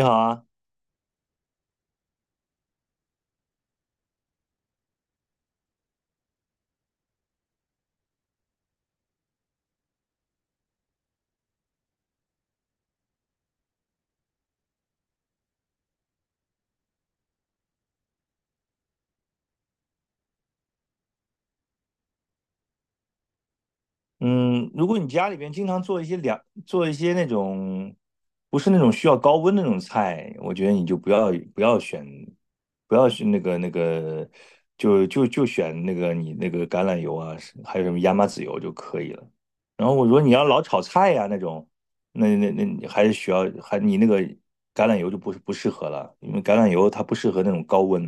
你好啊，嗯，如果你家里边经常做一些凉，做一些那种不是那种需要高温的那种菜，我觉得你就不要选，不要选那个那个，就选那个你那个橄榄油啊，是还有什么亚麻籽油就可以了。然后我说你要老炒菜呀、那种，那你还是需要还你那个橄榄油就不适合了，因为橄榄油它不适合那种高温，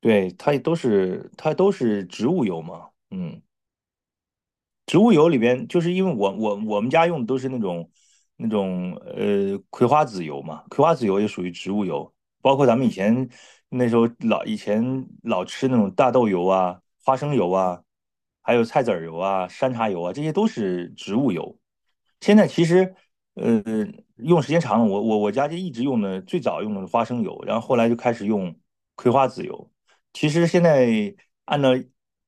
对，它都是植物油嘛，嗯。植物油里边，就是因为我们家用的都是那种葵花籽油嘛，葵花籽油也属于植物油，包括咱们以前那时候老以前老吃那种大豆油啊、花生油啊，还有菜籽儿油啊、山茶油啊，这些都是植物油。现在其实呃用时间长了，我家就一直用的最早用的是花生油，然后后来就开始用葵花籽油。其实现在按照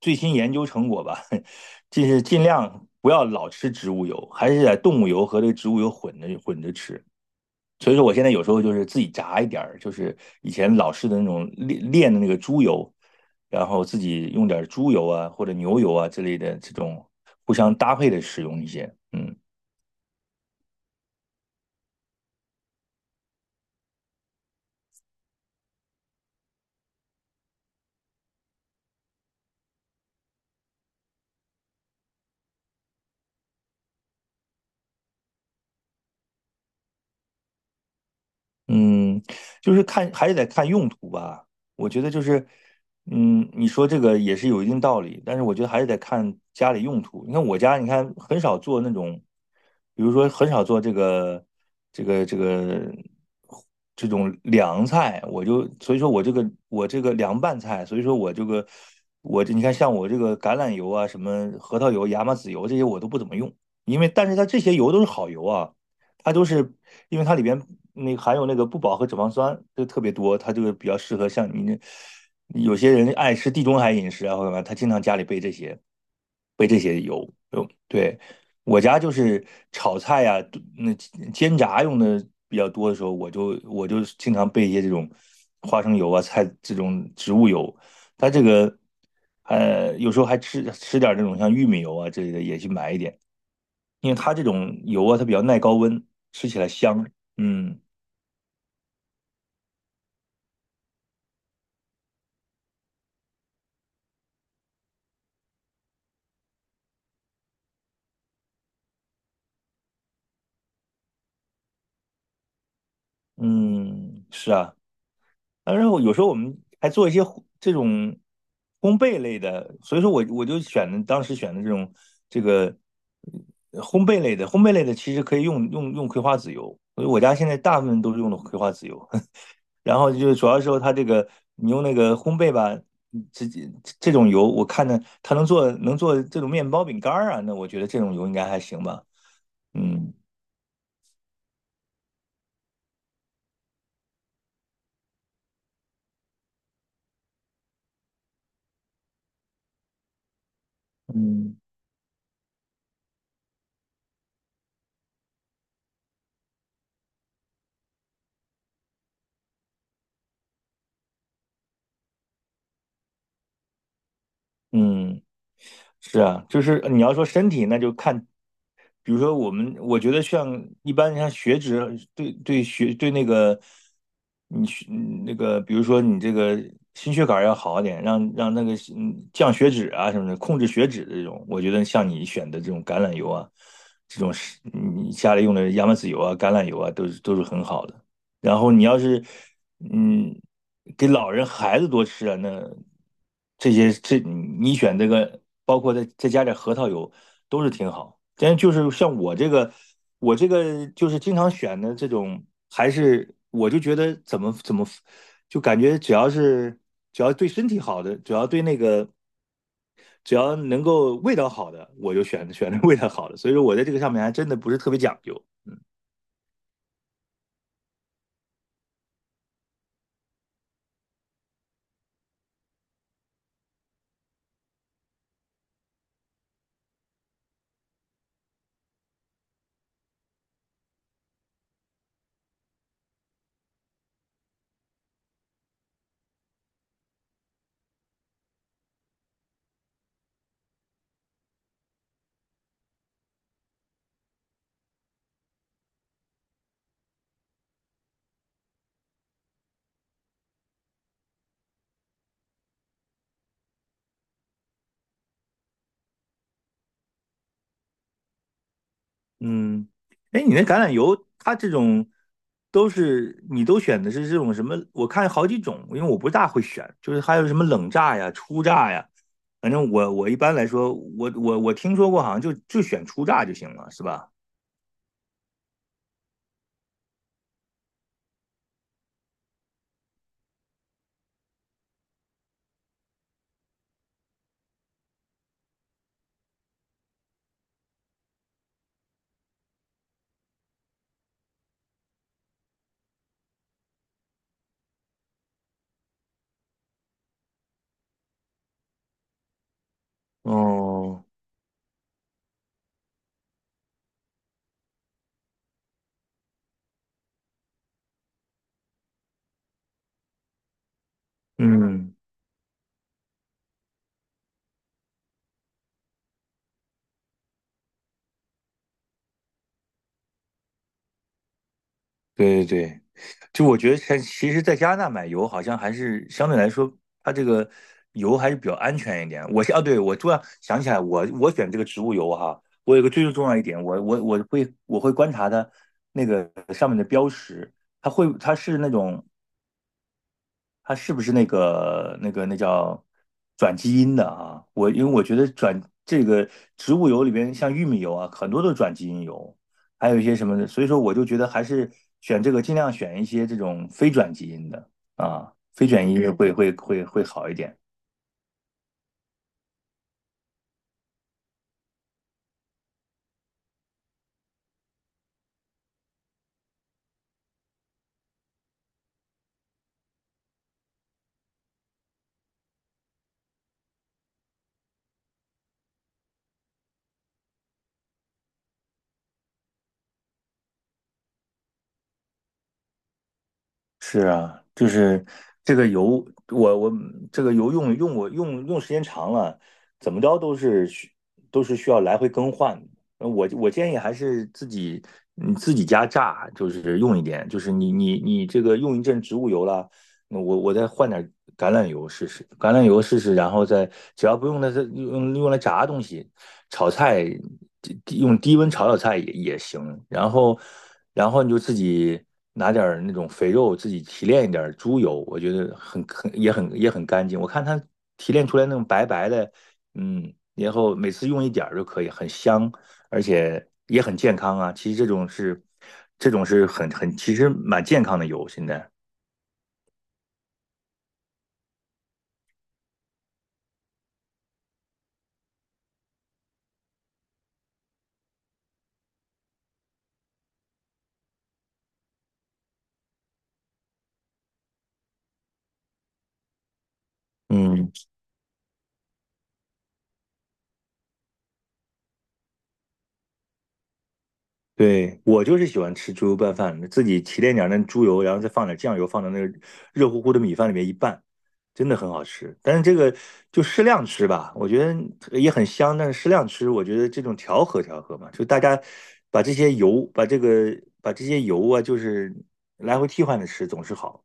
最新研究成果吧，就是尽量不要老吃植物油，还是在动物油和这个植物油混着混着吃。所以说，我现在有时候就是自己炸一点就是以前老式的那种炼炼的那个猪油，然后自己用点猪油啊或者牛油啊之类的这种互相搭配的使用一些，嗯。嗯，就是看还是得看用途吧。我觉得就是，你说这个也是有一定道理，但是我觉得还是得看家里用途。你看我家，你看很少做那种，比如说很少做这个这个这种凉菜，我就所以说我这个凉拌菜，所以说我这个我这你看像我这个橄榄油啊，什么核桃油、亚麻籽油这些我都不怎么用，但是它这些油都是好油啊。它都是因为它里边那个含有那个不饱和脂肪酸就特别多，它这个比较适合像你那有些人爱吃地中海饮食啊或者什么，他经常家里备这些油。有对我家就是炒菜呀、那煎炸用的比较多的时候，我就经常备一些这种花生油啊、菜这种植物油。它这个有时候还吃吃点这种像玉米油啊之类的，也去买一点。因为它这种油啊，它比较耐高温，吃起来香。嗯嗯，是啊。当然我有时候我们还做一些这种烘焙类的，所以说我就选的当时选的这种这个烘焙类的，烘焙类的其实可以用葵花籽油，所以我家现在大部分都是用的葵花籽油。然后就是主要时候它这个你用那个烘焙吧，直接这种油，我看着它能做这种面包饼干儿啊，那我觉得这种油应该还行吧。嗯。嗯嗯，是啊，就是你要说身体，那就看，比如说我们，我觉得像一般像血脂对对血对那个你血那个，比如说你这个心血管要好一点，让那个降血脂啊什么的，控制血脂的这种，我觉得像你选的这种橄榄油啊，这种是你家里用的亚麻籽油啊、橄榄油啊，都是很好的。然后你要是嗯给老人孩子多吃啊，那这些这你选这个，包括再加点核桃油，都是挺好。但就是像我这个就是经常选的这种，还是我就觉得怎么，就感觉只要对身体好的，只要对那个。只要能够味道好的，我就选那味道好的。所以说我在这个上面还真的不是特别讲究。嗯，哎，你那橄榄油，它这种都是你都选的是这种什么？我看好几种，因为我不大会选，就是还有什么冷榨呀、初榨呀，反正我一般来说，我听说过，好像就选初榨就行了，是吧？哦，嗯对对对，就我觉得像，其实在加拿大买油好像还是相对来说，它这个油还是比较安全一点。我是啊，对，我突然想起来我选这个植物油哈，我有个最重要一点，我会观察它那个上面的标识，它是那种它是不是那叫转基因的啊？因为我觉得这个植物油里边，像玉米油啊，很多都是转基因油，还有一些什么的，所以说我就觉得还是选这个，尽量选一些这种非转基因的啊，非转基因会好一点。是啊，就是这个油，我这个油我用时间长了，怎么着都是需要来回更换的我建议还是自己你自己家榨，就是用一点，就是你这个用一阵植物油了，那我再换点橄榄油试试，然后再只要不用它用来炸东西，炒菜用低温炒菜也行。然后，你就自己拿点儿那种肥肉，自己提炼一点儿猪油，我觉得很干净。我看它提炼出来那种白白的，然后每次用一点儿就可以，很香，而且也很健康啊。其实这种是其实蛮健康的油，现在嗯。对，我就是喜欢吃猪油拌饭，自己提炼点那猪油，然后再放点酱油，放到那个热乎乎的米饭里面一拌，真的很好吃。但是这个就适量吃吧，我觉得也很香，但是适量吃，我觉得这种调和调和嘛，就大家把这些油，把这些油啊，就是来回替换着吃，总是好。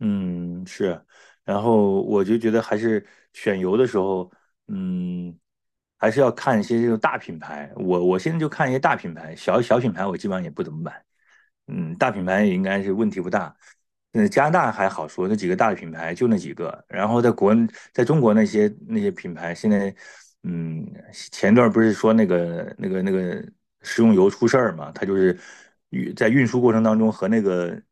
嗯，是，然后我就觉得还是选油的时候，嗯，还是要看一些这种大品牌。我现在就看一些大品牌，小品牌我基本上也不怎么买。嗯，大品牌也应该是问题不大。那加拿大还好说，那几个大的品牌就那几个。然后在中国那些品牌，现在，嗯，前段不是说那个食用油出事儿嘛？它就是在运输过程当中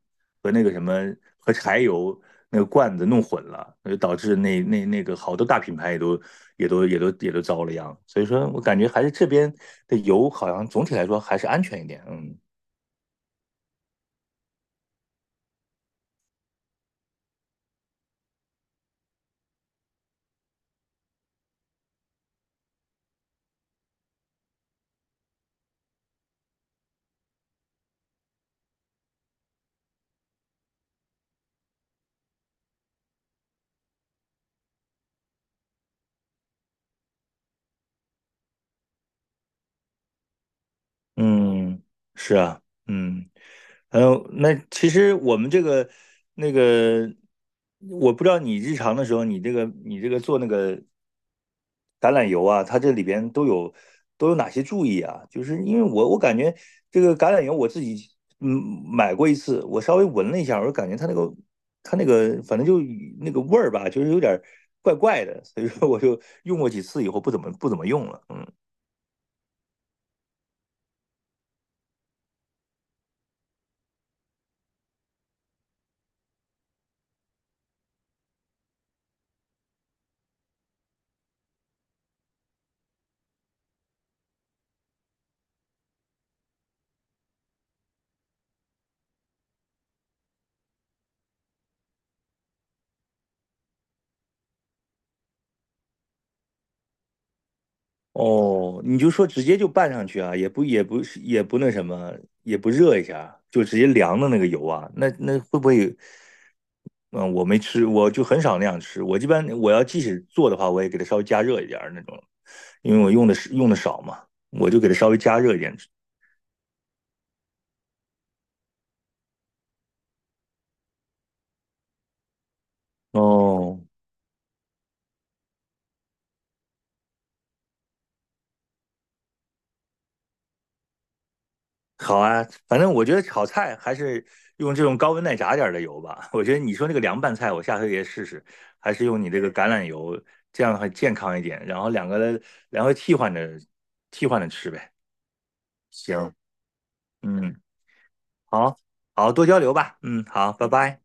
和那个什么和柴油那个罐子弄混了，那就导致那个好多大品牌也都遭了殃。所以说我感觉还是这边的油好像总体来说还是安全一点，嗯。嗯，是啊，嗯，还有那其实我们这个那个，我不知道你日常的时候，你这个做那个橄榄油啊，它这里边都有哪些注意啊？就是因为我感觉这个橄榄油我自己嗯买过一次，我稍微闻了一下，我就感觉它那个反正就那个味儿吧，就是有点儿怪怪的，所以说我就用过几次以后不怎么用了，嗯。哦，你就说直接就拌上去啊，也不是也不那什么，也不热一下，就直接凉的那个油啊，那会不会？嗯，我没吃，我就很少那样吃。我一般我要即使做的话，我也给它稍微加热一点儿那种，因为我用的少嘛，我就给它稍微加热一点。哦，好啊，反正我觉得炒菜还是用这种高温耐炸点儿的油吧。我觉得你说那个凉拌菜，我下回也试试，还是用你这个橄榄油，这样的话健康一点。然后两个，然后替换着吃呗。行，嗯，好，好，多交流吧。嗯，好，拜拜。